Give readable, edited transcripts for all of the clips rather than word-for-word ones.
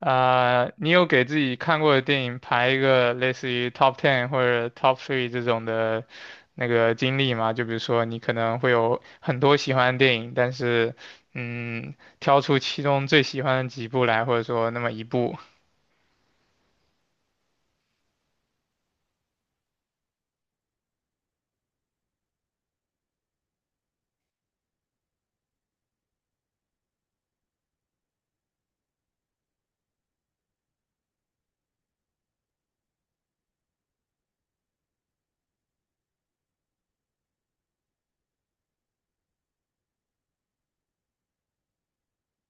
你有给自己看过的电影排一个类似于 top ten 或者 top three 这种的那个经历吗？就比如说你可能会有很多喜欢的电影，但是嗯，挑出其中最喜欢的几部来，或者说那么一部。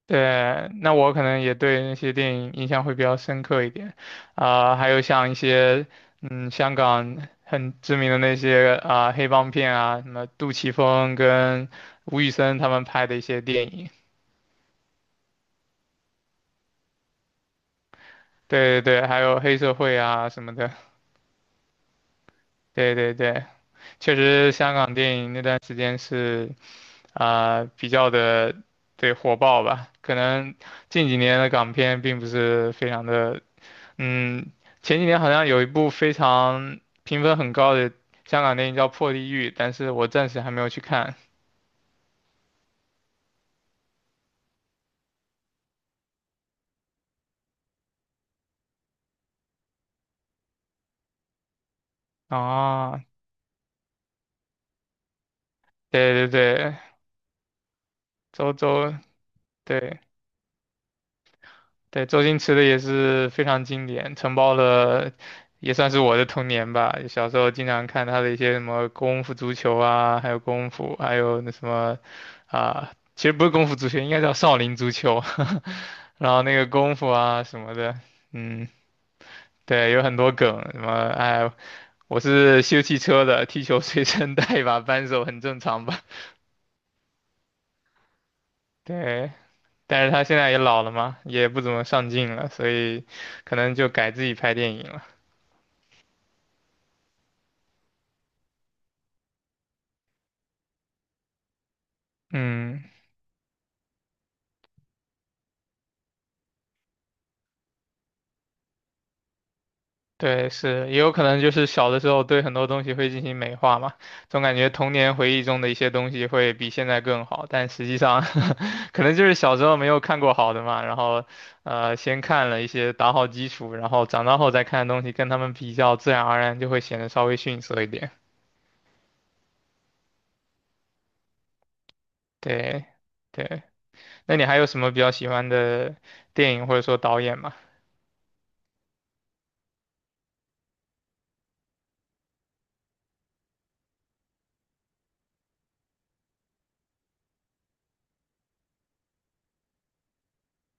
对，那我可能也对那些电影印象会比较深刻一点，还有像一些香港很知名的那些黑帮片啊，什么杜琪峰跟吴宇森他们拍的一些电影。对对对，还有黑社会啊什么的，对对对，确实香港电影那段时间是比较的对火爆吧，可能近几年的港片并不是非常的，嗯，前几年好像有一部非常评分很高的香港电影叫《破地狱》，但是我暂时还没有去看啊，对对对，周周。对，对，周星驰的也是非常经典，承包了也算是我的童年吧。小时候经常看他的一些什么功夫足球啊，还有功夫，还有那什么其实不是功夫足球，应该叫少林足球。然后那个功夫啊什么的，嗯，对，有很多梗，什么哎，我是修汽车的，踢球随身带一把扳手，很正常吧？对。但是他现在也老了嘛，也不怎么上镜了，所以可能就改自己拍电影了。嗯，对，是，也有可能就是小的时候对很多东西会进行美化嘛，总感觉童年回忆中的一些东西会比现在更好，但实际上 可能就是小时候没有看过好的嘛，然后先看了一些打好基础，然后长大后再看的东西跟他们比较，自然而然就会显得稍微逊色一点。对，对，那你还有什么比较喜欢的电影或者说导演吗？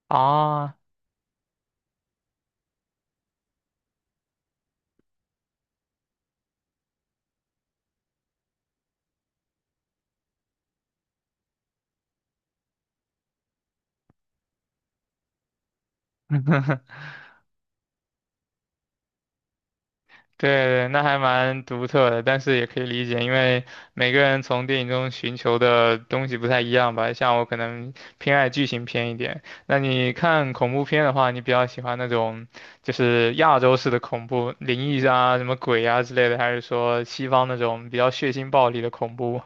啊。对那还蛮独特的，但是也可以理解，因为每个人从电影中寻求的东西不太一样吧。像我可能偏爱剧情片一点，那你看恐怖片的话，你比较喜欢那种就是亚洲式的恐怖，灵异啊、什么鬼啊之类的，还是说西方那种比较血腥暴力的恐怖，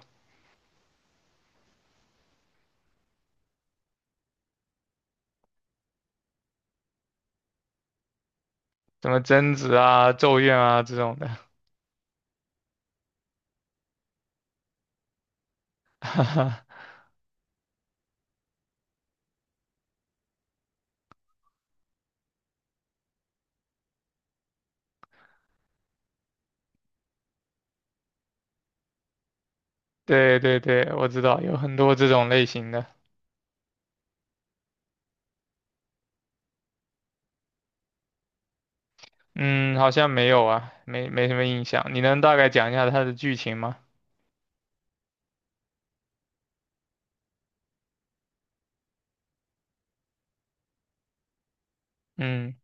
什么贞子啊、咒怨啊这种的？对对对，我知道有很多这种类型的。嗯，好像没有啊，没什么印象。你能大概讲一下它的剧情吗？嗯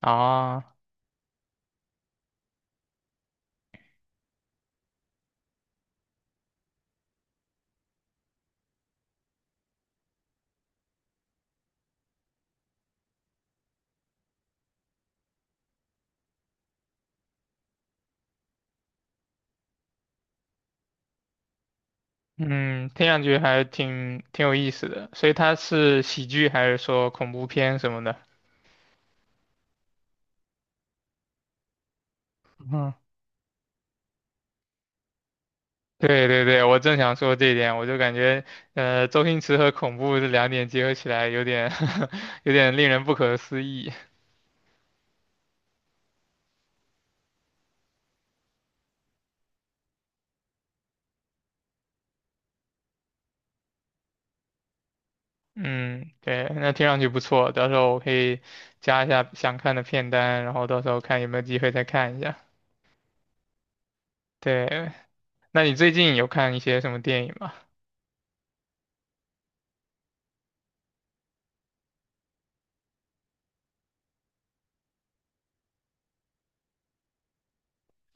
啊，嗯，听上去还挺有意思的。所以它是喜剧还是说恐怖片什么的？嗯，对对对，我正想说这一点，我就感觉周星驰和恐怖这两点结合起来，有点 有点令人不可思议。嗯，对，那听上去不错，到时候我可以加一下想看的片单，然后到时候看有没有机会再看一下。对，那你最近有看一些什么电影吗？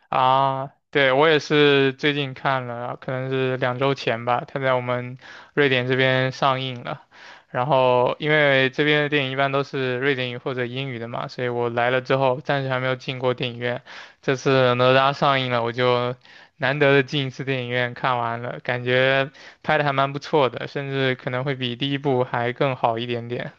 啊，对，我也是最近看了，可能是两周前吧，它在我们瑞典这边上映了。然后，因为这边的电影一般都是瑞典语或者英语的嘛，所以我来了之后，暂时还没有进过电影院。这次哪吒上映了，我就难得的进一次电影院看完了，感觉拍的还蛮不错的，甚至可能会比第一部还更好一点点。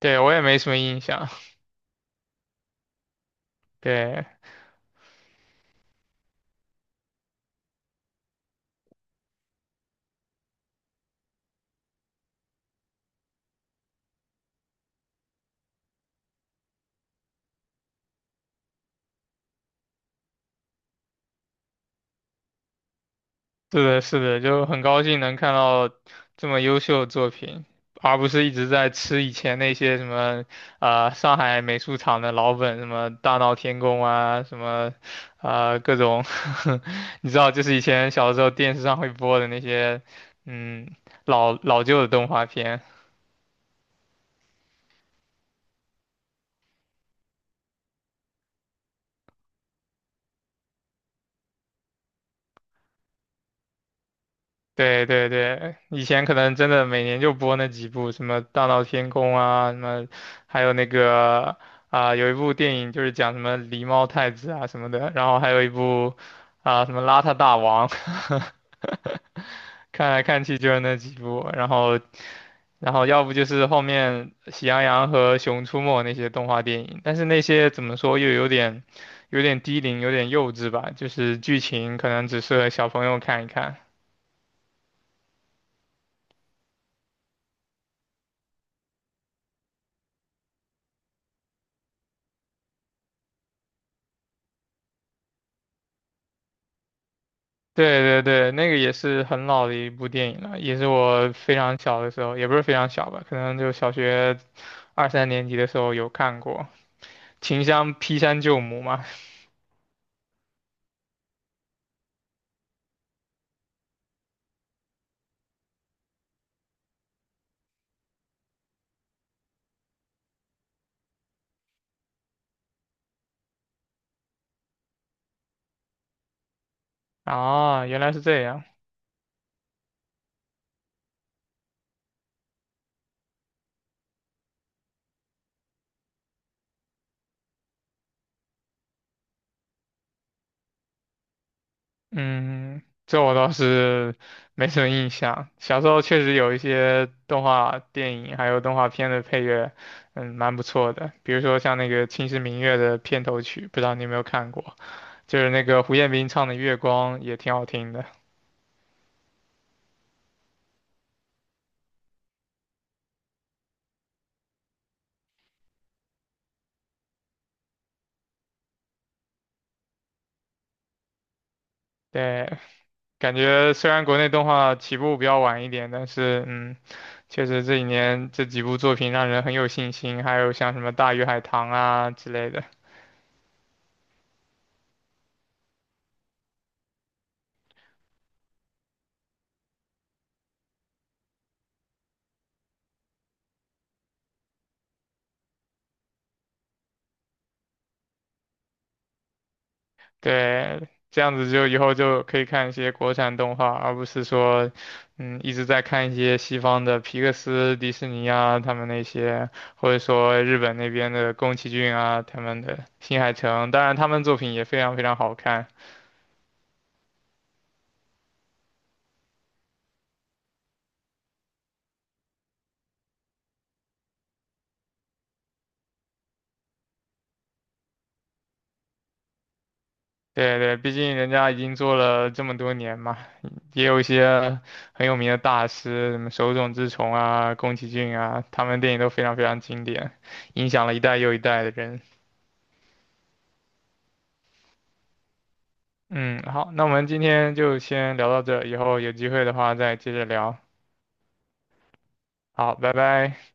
对，我也没什么印象。对，是的，是的，就很高兴能看到这么优秀的作品，而不是一直在吃以前那些什么，上海美术厂的老本，什么大闹天宫啊，什么，各种，你知道，就是以前小时候电视上会播的那些，嗯，老老旧的动画片。对对对，以前可能真的每年就播那几部，什么《大闹天宫》啊，什么，还有那个有一部电影就是讲什么狸猫太子啊什么的，然后还有一部什么邋遢大王，看来看去就是那几部，然后要不就是后面《喜羊羊和熊出没》那些动画电影，但是那些怎么说又有点有点低龄，有点幼稚吧，就是剧情可能只适合小朋友看一看。对对对，那个也是很老的一部电影了，也是我非常小的时候，也不是非常小吧，可能就小学二三年级的时候有看过《秦香劈山救母》嘛。啊，原来是这样，嗯，这我倒是 没什么印象。小时候确实有一些动画电影还有动画片的配乐，嗯，蛮不错的，比如说像那个《秦时明月》的片头曲，不知道你有没有看过，就是那个胡彦斌唱的《月光》也挺好听的。对，感觉虽然国内动画起步比较晚一点，但是嗯，确实这几年这几部作品让人很有信心，还有像什么《大鱼海棠》啊之类的，对，这样子就以后就可以看一些国产动画，而不是说一直在看一些西方的皮克斯、迪士尼啊他们那些，或者说日本那边的宫崎骏啊他们的《新海诚》，当然他们作品也非常非常好看。对对，毕竟人家已经做了这么多年嘛，也有一些很有名的大师，什么手冢治虫啊、宫崎骏啊，他们电影都非常非常经典，影响了一代又一代的人。嗯，好，那我们今天就先聊到这，以后有机会的话再接着聊。好，拜拜。